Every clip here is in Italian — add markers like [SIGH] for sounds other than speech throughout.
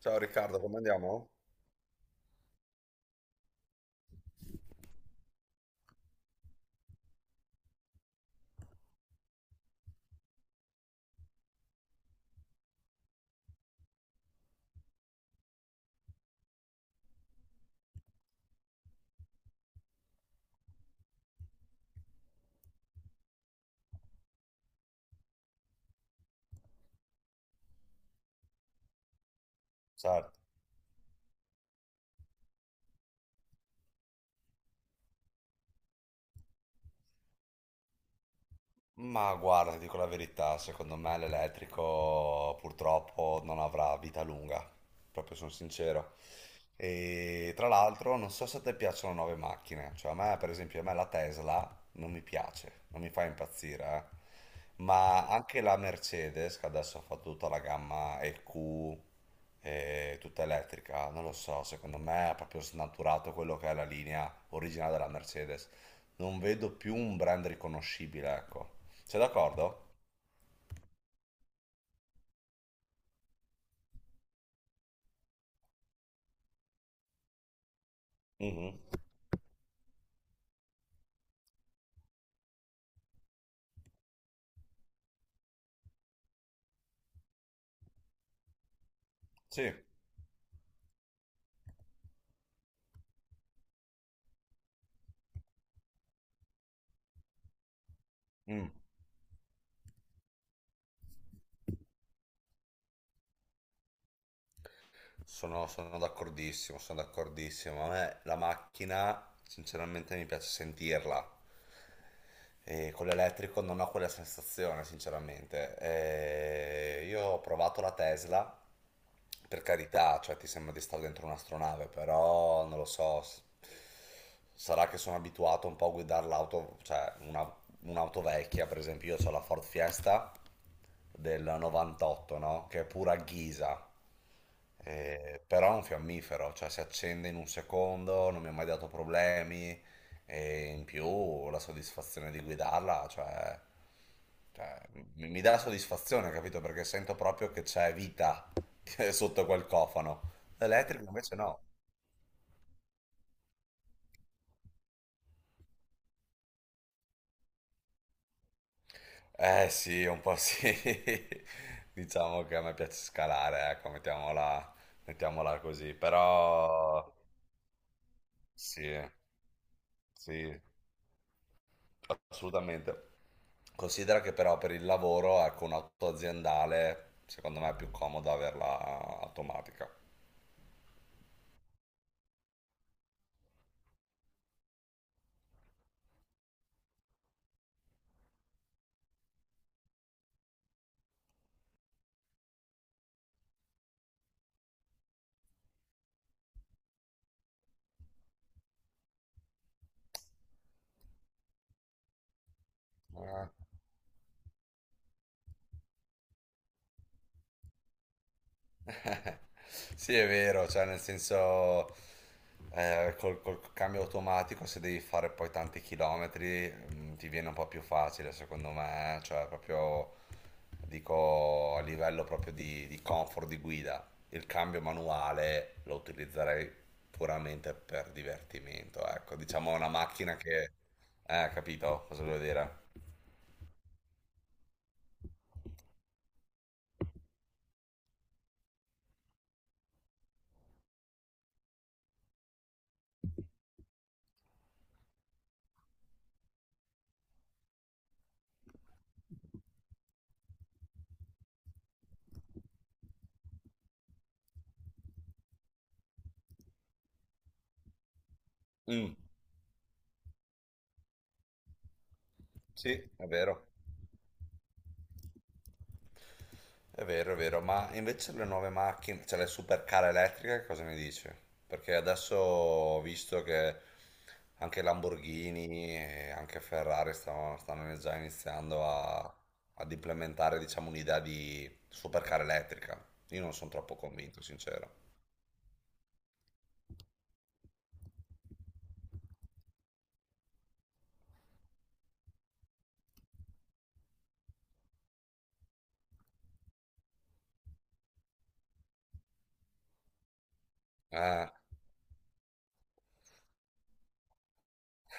Ciao Riccardo, come andiamo? Ciao. Ma guarda, ti dico la verità, secondo me l'elettrico purtroppo non avrà vita lunga, proprio sono sincero. E tra l'altro non so se a te piacciono nuove macchine, cioè a me per esempio a me la Tesla non mi piace, non mi fa impazzire, eh. Ma anche la Mercedes, che adesso ha fatto tutta la gamma EQ, tutta elettrica, non lo so, secondo me ha proprio snaturato quello che è la linea originale della Mercedes. Non vedo più un brand riconoscibile, ecco. Sei d'accordo? Mhm. Sì. Mm. Sono, sono d'accordissimo, sono d'accordissimo. A me la macchina, sinceramente, mi piace sentirla. E con l'elettrico non ho quella sensazione, sinceramente. Io ho provato la Tesla, per carità, cioè ti sembra di stare dentro un'astronave, però non lo so. Sarà che sono abituato un po' a guidare l'auto, cioè un'auto vecchia, per esempio io ho la Ford Fiesta del 98, no? Che è pura ghisa. Però è un fiammifero, cioè si accende in un secondo, non mi ha mai dato problemi e in più la soddisfazione di guidarla, cioè, mi dà soddisfazione, capito? Perché sento proprio che c'è vita [LAUGHS] sotto quel cofano. L'elettrico invece no. Eh sì, un po' sì. [LAUGHS] Diciamo che a me piace scalare, ecco, mettiamola così. Però sì, sì, assolutamente. Considera che però per il lavoro, ecco, un'auto aziendale, secondo me è più comodo averla automatica. Eh. [LAUGHS] Sì, è vero, cioè nel senso col cambio automatico se devi fare poi tanti chilometri, ti viene un po' più facile secondo me, cioè proprio dico a livello proprio di comfort di guida. Il cambio manuale lo utilizzerei puramente per divertimento, ecco, diciamo una macchina che. Capito cosa voglio dire? Mm, sì, è vero. È vero, è vero, ma invece le nuove macchine, cioè le supercar elettriche, cosa ne dici? Perché adesso ho visto che anche Lamborghini e anche Ferrari stanno, già iniziando ad implementare, diciamo, un'idea di supercar elettrica. Io non sono troppo convinto, sincero. Eh.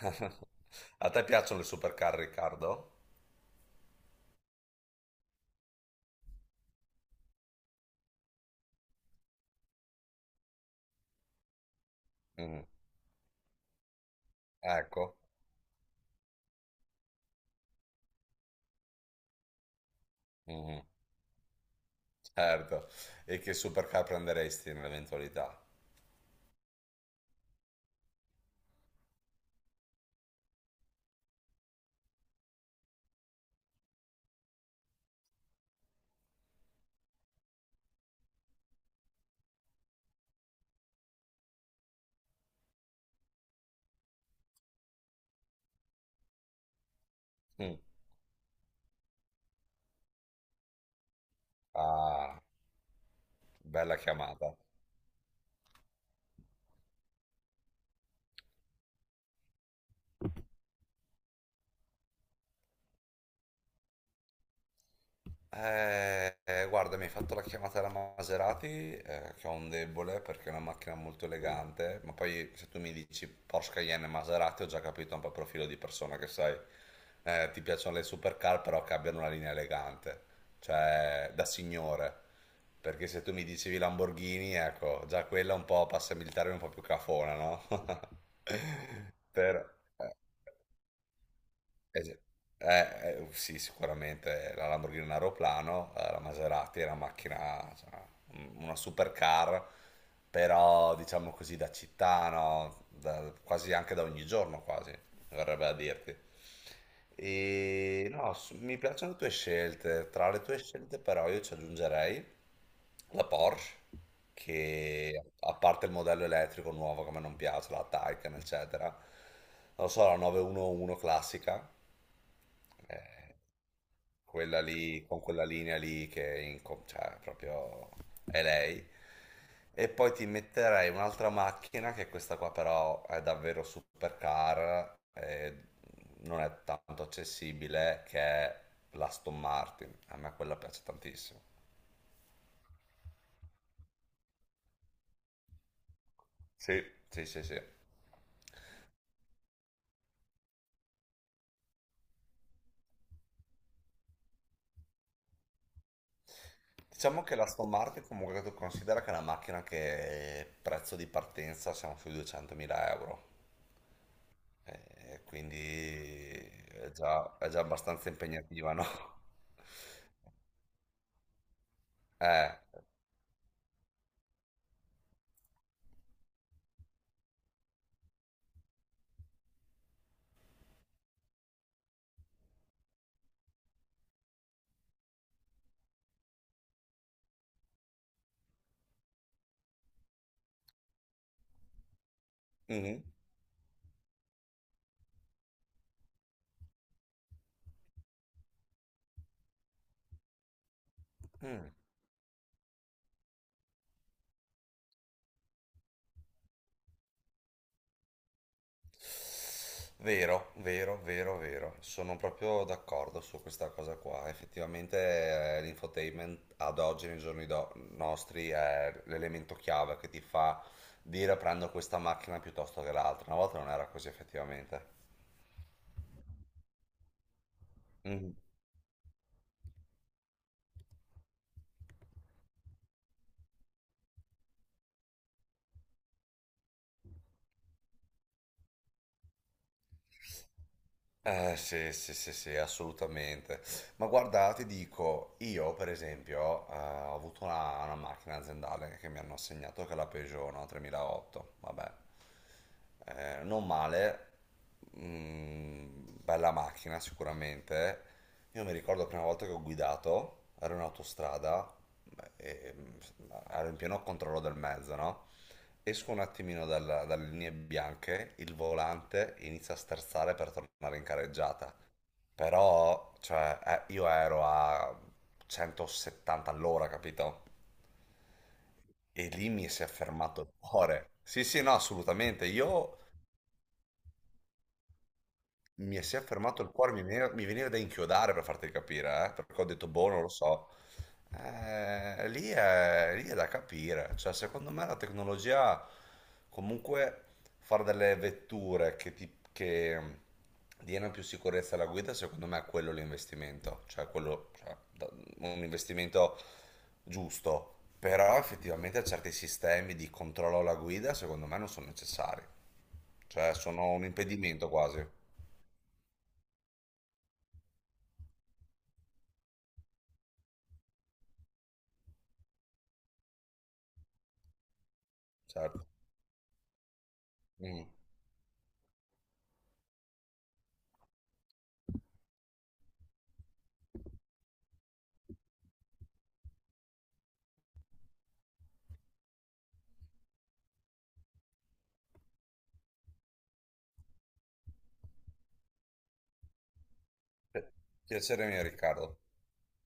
[LAUGHS] A te piacciono le supercar, Riccardo? Mm. Ecco. Mm. Certo. E che supercar prenderesti nell'eventualità? Mm. Ah, bella chiamata. Guarda, mi hai fatto la chiamata alla Maserati, che ho un debole perché è una macchina molto elegante, ma poi se tu mi dici Porsche Cayenne e Maserati ho già capito un po' il profilo di persona che sei. Ti piacciono le supercar però che abbiano una linea elegante, cioè da signore. Perché se tu mi dicevi Lamborghini, ecco, già quella un po' passa militare un po' più cafona, no? [LAUGHS] Però... eh, gi- sì, sicuramente la Lamborghini è un aeroplano, la Maserati è una macchina, cioè, una supercar, però diciamo così da città, no? Quasi anche da ogni giorno, quasi, verrebbe a dirti. E no, mi piacciono le tue scelte, tra le tue scelte però io ci aggiungerei la Porsche, che a parte il modello elettrico nuovo che a me non piace, la Taycan, eccetera, non lo so, la 911 classica. Eh, quella lì, con quella linea lì che è cioè, proprio è lei. E poi ti metterei un'altra macchina, che questa qua però è davvero supercar, e non è tanto accessibile, che è l'Aston Martin. A me quella piace tantissimo. Sì, sì, sì, sì. Diciamo che l'Aston Martin comunque tu considera che è una macchina che prezzo di partenza siamo sui 200.000 euro. Quindi è già abbastanza impegnativa, no? [LAUGHS] Eh. Mhm. Mm. Vero, vero, vero, vero. Sono proprio d'accordo su questa cosa qua. Effettivamente, l'infotainment ad oggi, nei giorni nostri, è l'elemento chiave che ti fa dire prendo questa macchina piuttosto che l'altra. Una volta non era così, effettivamente. Sì, sì, sì, sì, assolutamente. Ma guarda, ti dico, io per esempio ho avuto una macchina aziendale che mi hanno assegnato, che è la Peugeot, no? 3008, vabbè. Non male, bella macchina sicuramente. Io mi ricordo la prima volta che ho guidato, ero in autostrada, beh, ero in pieno controllo del mezzo, no? Esco un attimino dalle linee bianche, il volante inizia a sterzare per tornare in careggiata. Però, cioè, io ero a 170 all'ora, capito? E lì mi si è fermato il cuore. Sì, sì, no, assolutamente. Io mi si è fermato il cuore, mi veniva da inchiodare per farti capire, perché ho detto, boh, non lo so. Lì è da capire, cioè secondo me la tecnologia, comunque fare delle vetture che diano più sicurezza alla guida, secondo me è quello l'investimento, cioè, quello, cioè, un investimento giusto, però effettivamente certi sistemi di controllo alla guida, secondo me non sono necessari, cioè sono un impedimento quasi. Certo. Mm. Pi- Piacere mio, Riccardo.